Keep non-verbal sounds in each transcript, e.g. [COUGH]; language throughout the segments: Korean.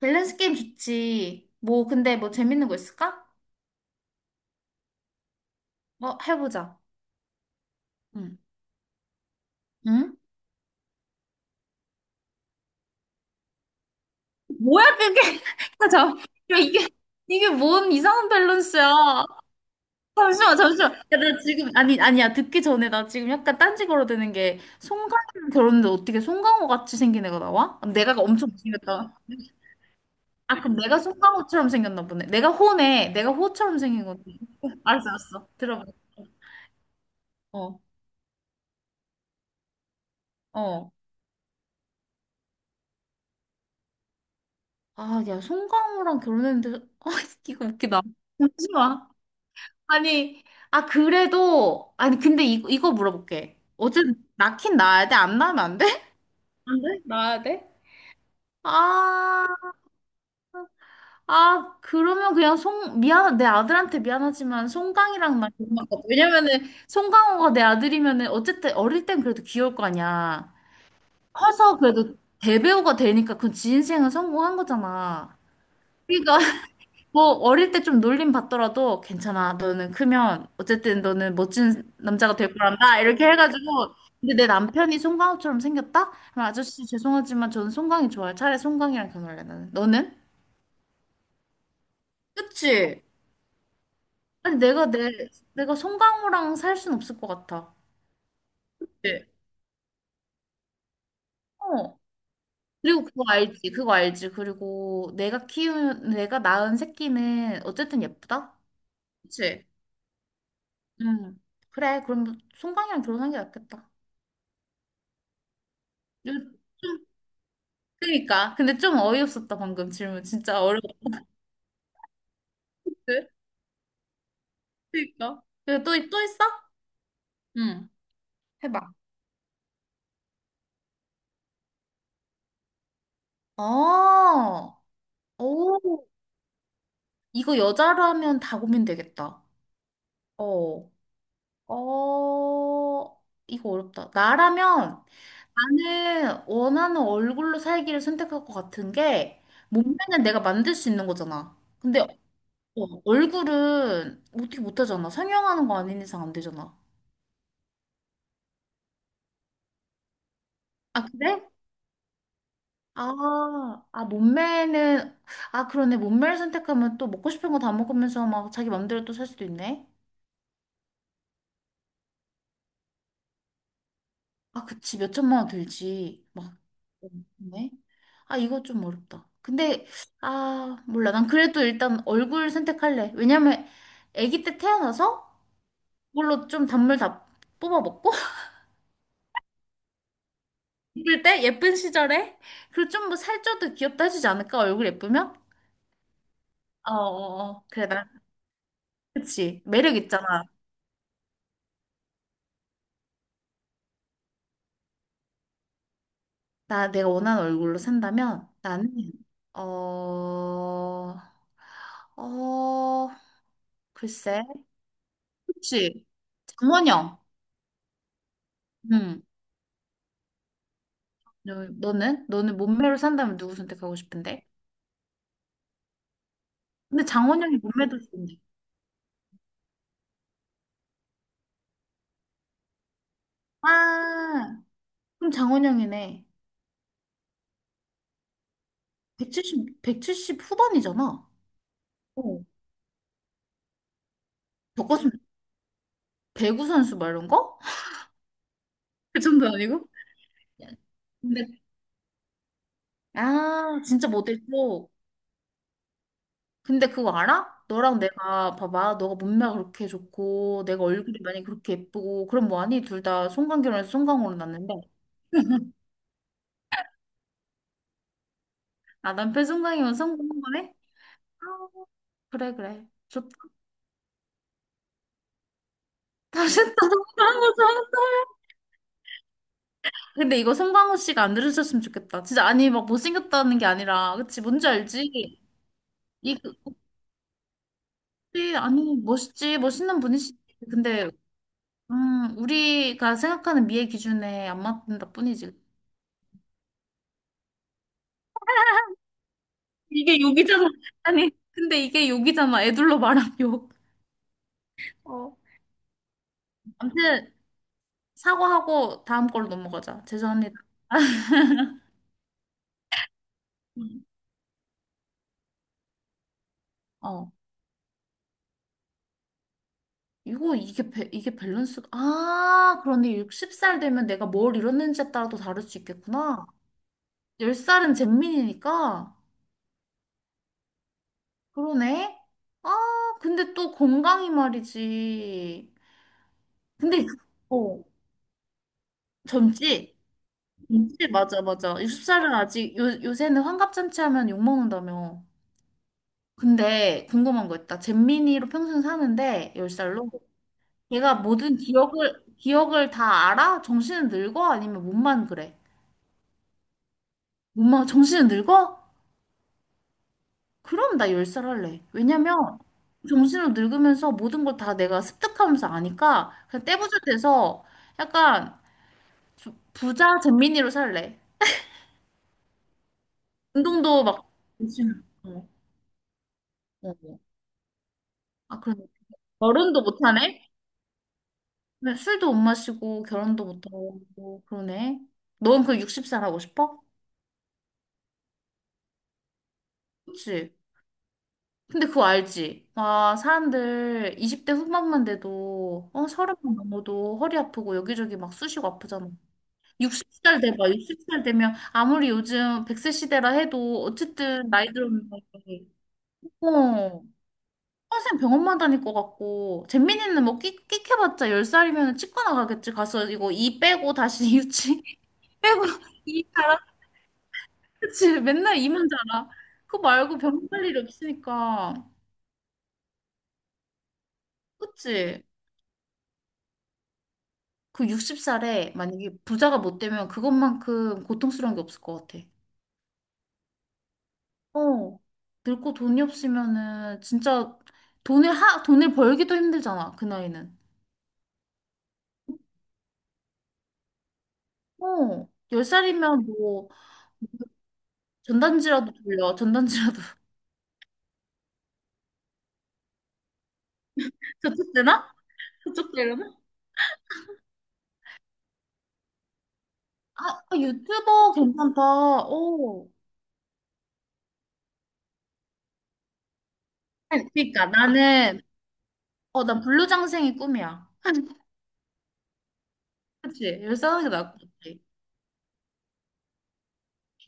밸런스 게임 좋지. 뭐, 근데 뭐 재밌는 거 있을까? 어, 해보자. 응. 응? 뭐야, 그게? [LAUGHS] 야, 잠깐. 야, 이게, 이게 뭔 이상한 밸런스야. 잠시만, 잠시만. 야, 나 지금, 아니, 아니야. 듣기 전에 나 지금 약간 딴지 걸어대는 게, 송강호 결혼인데 어떻게 송강호 같이 생긴 애가 나와? 내가 엄청 못생겼다. 아, 그럼 내가 송강호처럼 생겼나 보네. 내가 호네. 내가 호처럼 생긴 건데. 알았어, 알았어. 들어봐. 어, 어. 아, 야, 송강호랑 결혼했는데, [LAUGHS] 아, 이거 웃기다. 잠시만. 아니, 아, 그래도, 아니, 근데 이거 물어볼게. 어쨌든, 낳긴 낳아야 돼? 안 낳으면 안 돼? [LAUGHS] 안 돼? 나야 돼? 아, 아, 그러면 그냥 송, 미안, 내 아들한테 미안하지만 송강이랑 나 결혼할 것 같아. 왜냐면은, 송강호가 내 아들이면은, 어쨌든 어릴 땐 그래도 귀여울 거 아니야. 커서 그래도 대배우가 되니까 그건 지 인생은 성공한 거잖아. 그러니까 뭐 어릴 때 좀 놀림 받더라도 괜찮아. 너는 크면 어쨌든 너는 멋진 남자가 될 거란다. 이렇게 해가지고 근데 내 남편이 송강호처럼 생겼다? 그럼 아저씨 죄송하지만 저는 송강이 좋아요. 차라리 송강이랑 결혼할래 나는. 너는? 그치? 아니 내가 송강호랑 살 순 없을 것 같아. 네. 어. 그리고 그거 알지? 그거 알지? 그리고 내가 키운 내가 낳은 새끼는 어쨌든 예쁘다. 그치? 응. 그래. 그럼 송강이랑 결혼하는 게 낫겠다. 좀 그니까. 근데 좀 어이없었다, 방금 질문. 진짜 어려웠지? 그니까. 그리고 또, 또 있어? 응. 해봐. 어, 오, 이거 여자로 하면 다 고민되겠다. 어, 어, 이거 어렵다. 나라면 나는 원하는 얼굴로 살기를 선택할 것 같은 게 몸매는 내가 만들 수 있는 거잖아. 근데 어, 얼굴은 어떻게 못하잖아. 성형하는 거 아닌 이상 안 되잖아. 아, 그래? 아, 아, 몸매는, 아, 그러네. 몸매를 선택하면 또 먹고 싶은 거 다 먹으면서 막 자기 맘대로 또 살 수도 있네. 아, 그치. 몇 천만 원 들지. 막, 네. 아, 이거 좀 어렵다. 근데, 아, 몰라. 난 그래도 일단 얼굴 선택할래. 왜냐면, 아기 때 태어나서 그걸로 좀 단물 다 뽑아 먹고, [LAUGHS] 예쁠 때, 예쁜 시절에, 그리고 좀 뭐 살쪄도 귀엽다 해주지 않을까? 얼굴 예쁘면? 어, 어, 어. 그래, 난, 그치. 매력 있잖아. 나 내가 원하는 얼굴로 산다면 나는 어, 어, 글쎄. 그치? 장원영. 응. 너, 너는? 너는 몸매로 산다면 누구 선택하고 싶은데? 근데 장원영이 몸매도 좋은데. 아, 그럼 장원영이네. 170, 170 후반이잖아. 어. 저것은 배구 선수 말이 거? [LAUGHS] 그 정도 아니고? 근데 아, 진짜 모델 쪽. 근데 그거 알아? 너랑 내가 봐봐 너가 몸매가 그렇게 좋고 내가 얼굴이 많이 그렇게 예쁘고 그럼 뭐하니? 둘 다 송강결혼해서 송강으로 났는데 [LAUGHS] 아 남편 송강이면 성공한 거네? 아, 그래 그래 좋다. [LAUGHS] 다시 또 송강호 좋다. 근데 이거 송강호 씨가 안 들으셨으면 좋겠다. 진짜, 아니 막 못생겼다는 게 아니라 그치, 뭔지 알지? 이 그치, 아니 멋있지, 멋있는 분이시지. 근데 우리가 생각하는 미의 기준에 안 맞는다 뿐이지. 이게 욕이잖아. 아니, 근데 이게 욕이잖아. 애들로 말하면 욕. 어. 아무튼 사과하고 다음 걸로 넘어가자. 죄송합니다. 음. 어. 이거 이게 이게 밸런스가, 아, 그런데 60살 되면 내가 뭘 이뤘는지에 따라 또 다를 수 있겠구나. 10살은 잼민이니까 그러네. 아, 근데 또 건강이 말이지. 근데 어, 젊지? 젊지 맞아 맞아. 60살은 아직 요 요새는 환갑잔치 하면 욕 먹는다며. 근데 궁금한 거 있다. 잼민이로 평생 사는데 10살로 걔가 모든 기억을 다 알아? 정신은 늙어? 아니면 몸만 그래? 몸만 정신은 늙어? 그럼 나 10살 할래. 왜냐면 정신으로 늙으면서 모든 걸 다 내가 습득하면서 아니까 그냥 떼부자 돼서 약간 부자 잼민이로 살래. 운동도 막 열심히 하고. 어, 어. 아, 그럼 결혼도 못하네? 근데 술도 못 마시고 결혼도 못 하고 그러네. 넌 그 60살 하고 싶어? 그치? 근데 그거 알지? 아, 사람들 20대 후반만 돼도 어, 30만 넘어도 허리 아프고 여기저기 막 쑤시고 아프잖아. 60살 돼봐. 60살 되면 아무리 요즘 100세 시대라 해도 어쨌든 나이 들었는데 어, 평생 병원만 다닐 것 같고 잼민이는 뭐 끽, 끽 해봤자 10살이면 치과 나가겠지. 가서 이거 이 빼고 다시 [LAUGHS] 유치 빼고 이 그치? 맨날 이만 자라. 그거 말고 병살 일 없으니까. 그치? 그 60살에 만약에 부자가 못 되면 그것만큼 고통스러운 게 없을 것 같아. 어. 늙고 돈이 없으면은 진짜 돈을 돈을 벌기도 힘들잖아, 그 나이는. 어. 10살이면 뭐 전단지라도 돌려. 전단지라도. [LAUGHS] 저쪽 되나? 저쪽 되려나? 아, 아, 유튜버 괜찮다. 어. 아니, 그러니까 나는 어, 난 불로장생이 꿈이야. 그치? 열렇게 싸우는 게 나을 것 같아.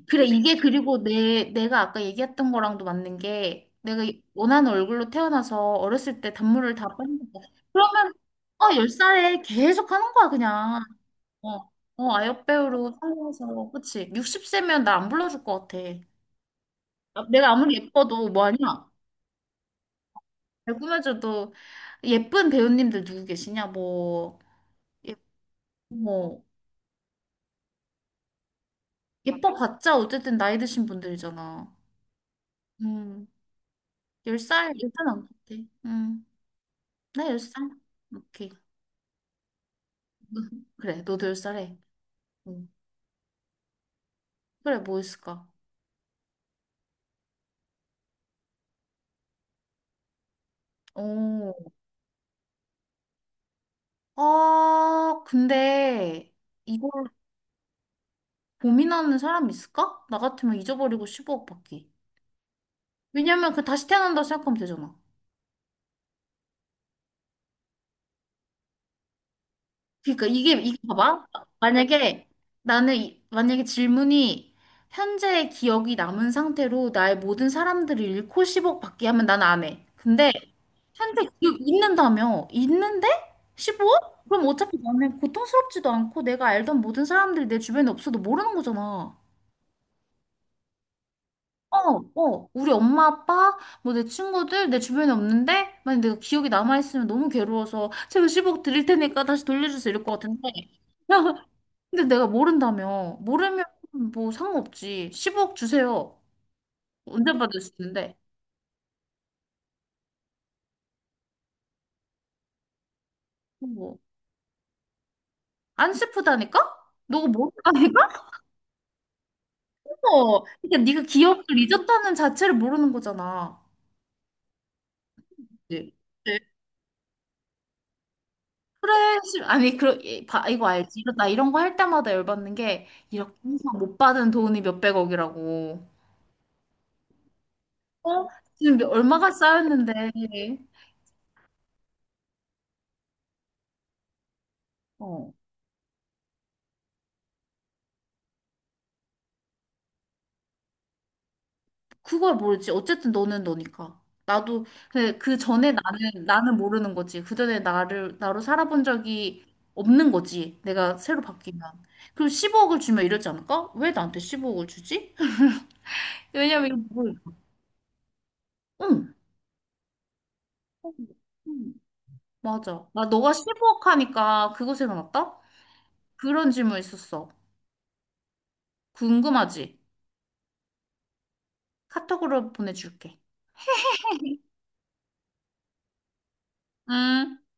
그래, 이게 그리고 내가 아까 얘기했던 거랑도 맞는 게, 내가 원하는 얼굴로 태어나서 어렸을 때 단물을 다 뺐는데, 그러면, 어, 10살에 계속 하는 거야, 그냥. 어, 어, 아역배우로 성공해서, 그치? 60세면 나 안 불러줄 것 같아. 아, 내가 아무리 예뻐도 뭐 하냐? 잘 꾸며줘도 예쁜 배우님들 누구 계시냐? 뭐, 예, 뭐, 예뻐봤자 어쨌든 나이 드신 분들이잖아. 음. 10살, 10살 안 같아. 응. 나 10살. 오케이. [LAUGHS] 그래, 너도 10살 해. 응. 그래, 뭐 있을까? 오. 아, 근데 이걸 고민하는 사람 있을까? 나 같으면 잊어버리고 1오억 받기. 왜냐면 그 다시 태어난다 생각하면 되잖아. 그러니까 이게 봐봐. 만약에 나는 만약에 질문이 현재의 기억이 남은 상태로 나의 모든 사람들을 잃고 10억 받기 하면 난 안 해. 근데 현재 기억 있는다며 있는데 1억 그럼 어차피 나는 고통스럽지도 않고 내가 알던 모든 사람들이 내 주변에 없어도 모르는 거잖아. 어, 어, 우리 엄마, 아빠, 뭐 내 친구들, 내 주변에 없는데, 만약 내가 기억이 남아있으면 너무 괴로워서, 제가 10억 드릴 테니까 다시 돌려주세요. 이럴 것 같은데. [LAUGHS] 근데 내가 모른다며. 모르면 뭐 상관없지. 10억 주세요. 언제 받을 수 있는데. 뭐. 안 슬프다니까? 너가 모른다니까? [LAUGHS] 어. 그러니까 네가 기억을 잊었다는 자체를 모르는 거잖아. 네, 그래 씨, 아니, 그러, 봐, 이거 알지? 이나 이런 거 할 때마다 열받는 게 이렇게 항상 못 받은 돈이 몇백억이라고. 어? 지금 얼마가 쌓였는데. 어. 그걸 모르지. 어쨌든 너는 너니까. 나도 근데 그 전에 나는 모르는 거지. 그 전에 나를 나로 살아본 적이 없는 거지. 내가 새로 바뀌면. 그럼 15억을 주면 이러지 않을까? 왜 나한테 15억을 주지? [LAUGHS] 왜냐면 이거 뭘? 응. 응. 맞아. 나 너가 15억 하니까 그거 생각났다? 그런 질문 있었어. 궁금하지? 카톡으로 보내줄게. 응.